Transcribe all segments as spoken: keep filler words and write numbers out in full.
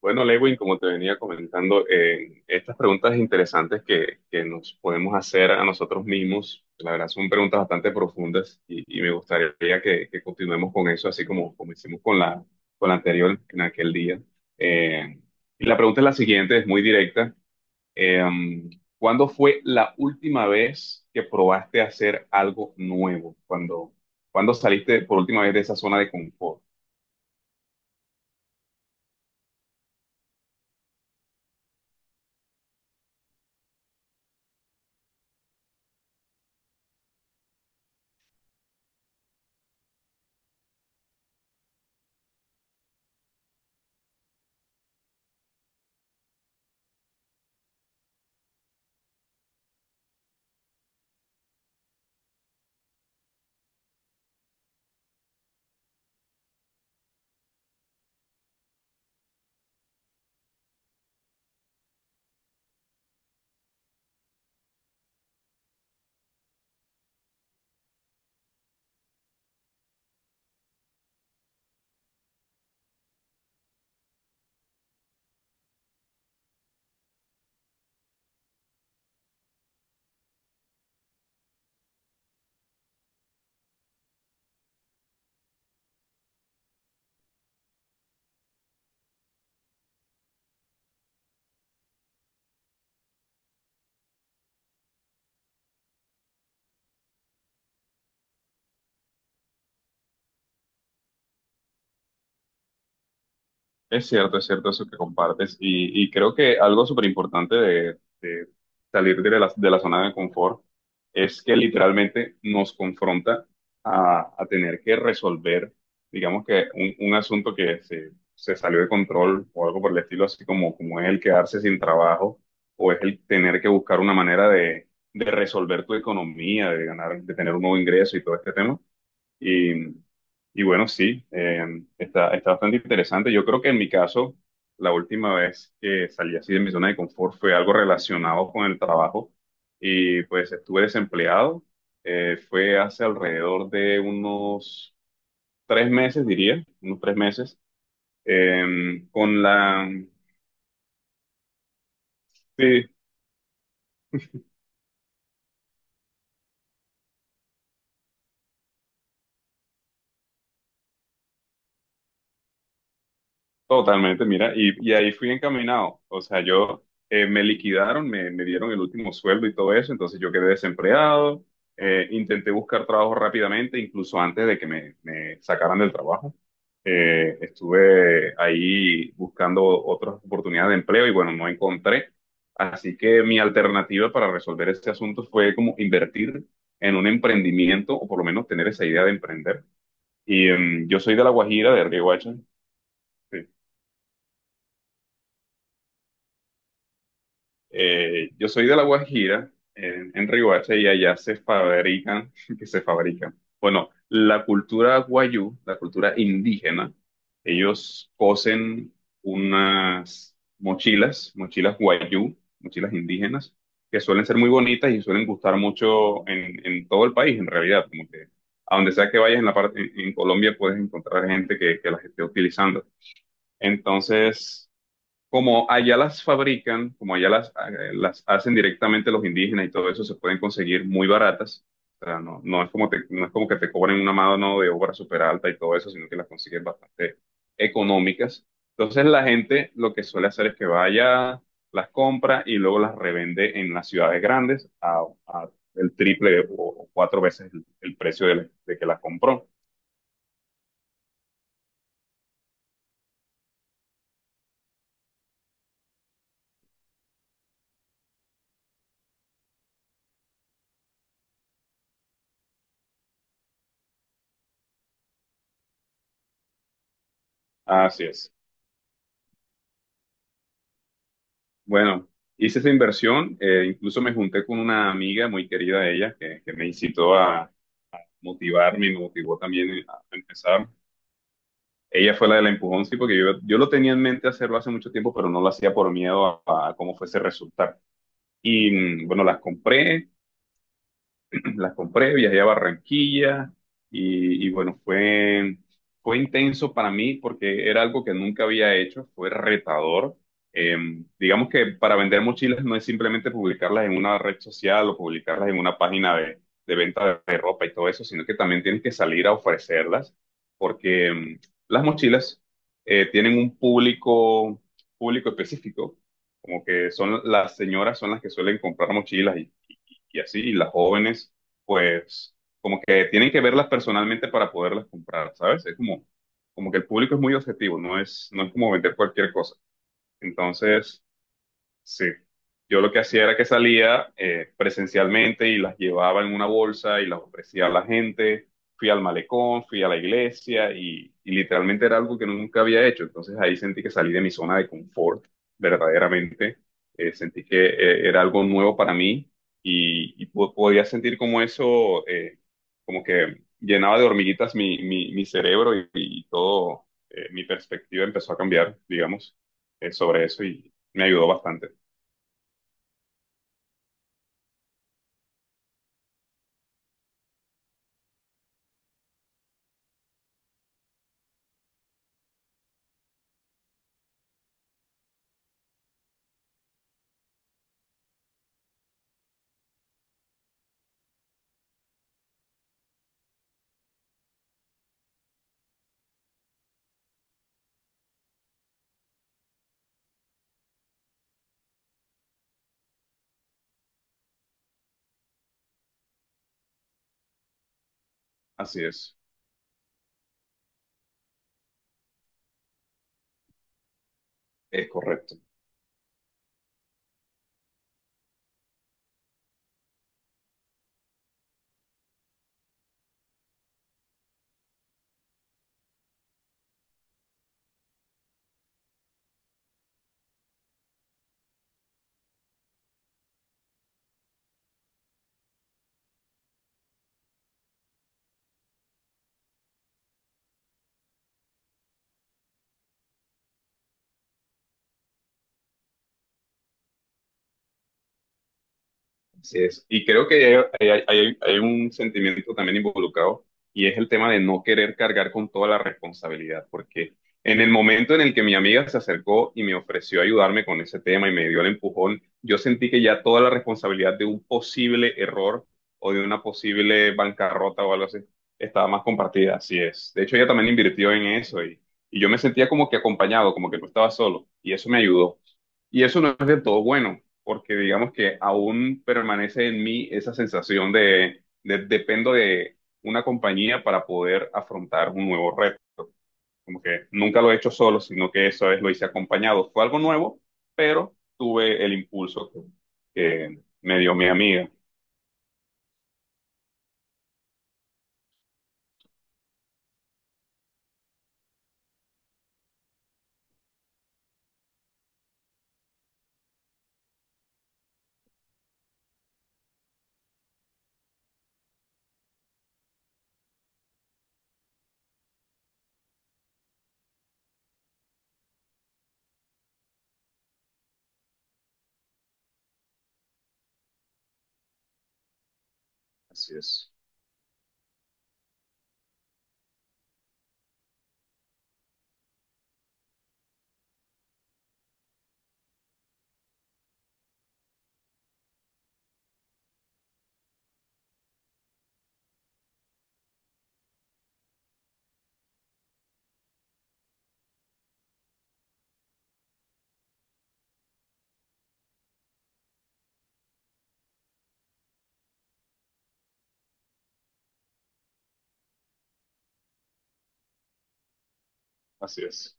Bueno, Lewin, como te venía comentando, eh, estas preguntas interesantes que, que nos podemos hacer a nosotros mismos, la verdad son preguntas bastante profundas y, y me gustaría que, que continuemos con eso, así como, como hicimos con la, con la anterior en aquel día. Eh, y la pregunta es la siguiente, es muy directa. Eh, ¿Cuándo fue la última vez que probaste hacer algo nuevo? ¿Cuándo, cuándo saliste por última vez de esa zona de confort? Es cierto, es cierto eso que compartes y, y creo que algo súper importante de, de salir de la, de la zona de confort es que literalmente nos confronta a, a tener que resolver, digamos que un, un asunto que se, se salió de control o algo por el estilo, así como, como es el quedarse sin trabajo o es el tener que buscar una manera de, de resolver tu economía, de ganar, de tener un nuevo ingreso y todo este tema y, y bueno, sí, eh, está, está bastante interesante. Yo creo que en mi caso, la última vez que salí así de mi zona de confort fue algo relacionado con el trabajo y pues estuve desempleado. Eh, fue hace alrededor de unos tres meses, diría, unos tres meses. eh, con la, sí. Totalmente, mira, y, y ahí fui encaminado. O sea, yo eh, me liquidaron, me, me dieron el último sueldo y todo eso, entonces yo quedé desempleado. Eh, intenté buscar trabajo rápidamente, incluso antes de que me, me sacaran del trabajo. Eh, estuve ahí buscando otras oportunidades de empleo y bueno, no encontré. Así que mi alternativa para resolver este asunto fue como invertir en un emprendimiento o por lo menos tener esa idea de emprender. Y em, yo soy de La Guajira, de Riohacha. Eh, yo soy de La Guajira, en, en Riohacha, y allá se fabrican, que se fabrican. Bueno, la cultura guayú, la cultura indígena, ellos cosen unas mochilas, mochilas guayú, mochilas indígenas, que suelen ser muy bonitas y suelen gustar mucho en, en todo el país, en realidad, como que a donde sea que vayas en la parte, en, en Colombia puedes encontrar gente que, que las esté utilizando. Entonces, Como allá las fabrican, como allá las, eh, las hacen directamente los indígenas y todo eso, se pueden conseguir muy baratas. O sea, no, no es como te- no es como que te cobren una mano de obra súper alta y todo eso, sino que las consigues bastante económicas. Entonces la gente lo que suele hacer es que vaya, las compra y luego las revende en las ciudades grandes a, a el triple o o cuatro veces el, el precio de, la- de que las compró. Así es. Bueno, hice esa inversión, eh, incluso me junté con una amiga muy querida de ella que, que me incitó a motivarme y me motivó también a empezar. Ella fue la del empujón, sí, porque yo, yo lo tenía en mente hacerlo hace mucho tiempo, pero no lo hacía por miedo a, a cómo fuese a resultar. Y mm, bueno, las compré, las compré, viajé a Barranquilla y, y bueno, fue, fue intenso para mí porque era algo que nunca había hecho, fue retador. Eh, digamos que para vender mochilas no es simplemente publicarlas en una red social o publicarlas en una página de, de venta de ropa y todo eso, sino que también tienes que salir a ofrecerlas porque mm, las mochilas eh, tienen un público, público específico, como que son las señoras son las que suelen comprar mochilas y y así, y las jóvenes pues como que tienen que verlas personalmente para poderlas comprar, ¿sabes? Es como, como que el público es muy objetivo, no es, no es como vender cualquier cosa. Entonces, sí, yo lo que hacía era que salía eh, presencialmente y las llevaba en una bolsa y las ofrecía a la gente. Fui al malecón, fui a la iglesia y, y literalmente era algo que nunca había hecho. Entonces ahí sentí que salí de mi zona de confort, verdaderamente. Eh, sentí que eh, era algo nuevo para mí y, y po- podía sentir como eso, eh, como que llenaba de hormiguitas mi, mi, mi cerebro y, y todo, eh, mi perspectiva empezó a cambiar, digamos, eh, sobre eso y me ayudó bastante. Así es, es correcto, así es. Y creo que hay, hay- hay- hay un sentimiento también involucrado y es el tema de no querer cargar con toda la responsabilidad, porque en el momento en el que mi amiga se acercó y me ofreció ayudarme con ese tema y me dio el empujón, yo sentí que ya toda la responsabilidad de un posible error o de una posible bancarrota o algo así estaba más compartida, así es. De hecho, ella también invirtió en eso y, y yo me sentía como que acompañado, como que no estaba solo y eso me ayudó. Y eso no es del todo bueno, porque digamos que aún permanece en mí esa sensación de, de- dependo de una compañía para poder afrontar un nuevo reto. Como que nunca lo he hecho solo, sino que esa vez lo hice acompañado. Fue algo nuevo, pero tuve el impulso que, que me dio mi amiga. Así es, así es,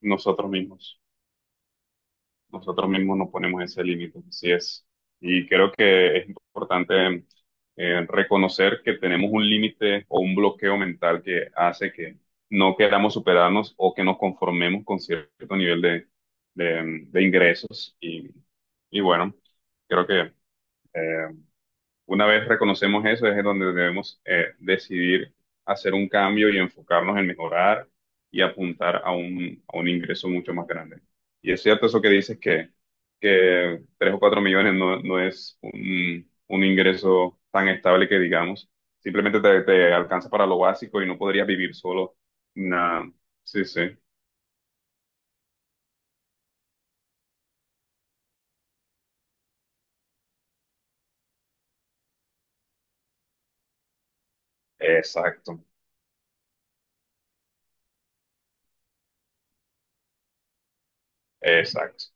nosotros mismos. Nosotros mismos nos ponemos ese límite, así es. Y creo que es importante eh, reconocer que tenemos un límite o un bloqueo mental que hace que no queramos superarnos o que nos conformemos con cierto nivel de, de, de ingresos. Y, y bueno, creo que eh, una vez reconocemos eso, es donde debemos eh, decidir hacer un cambio y enfocarnos en mejorar y apuntar a un, a un ingreso mucho más grande. Y es cierto eso que dices que, que tres o cuatro millones no, no es un, un ingreso tan estable que digamos. Simplemente te, te alcanza para lo básico y no podrías vivir solo. Nada. Sí, sí. Exacto, exacto.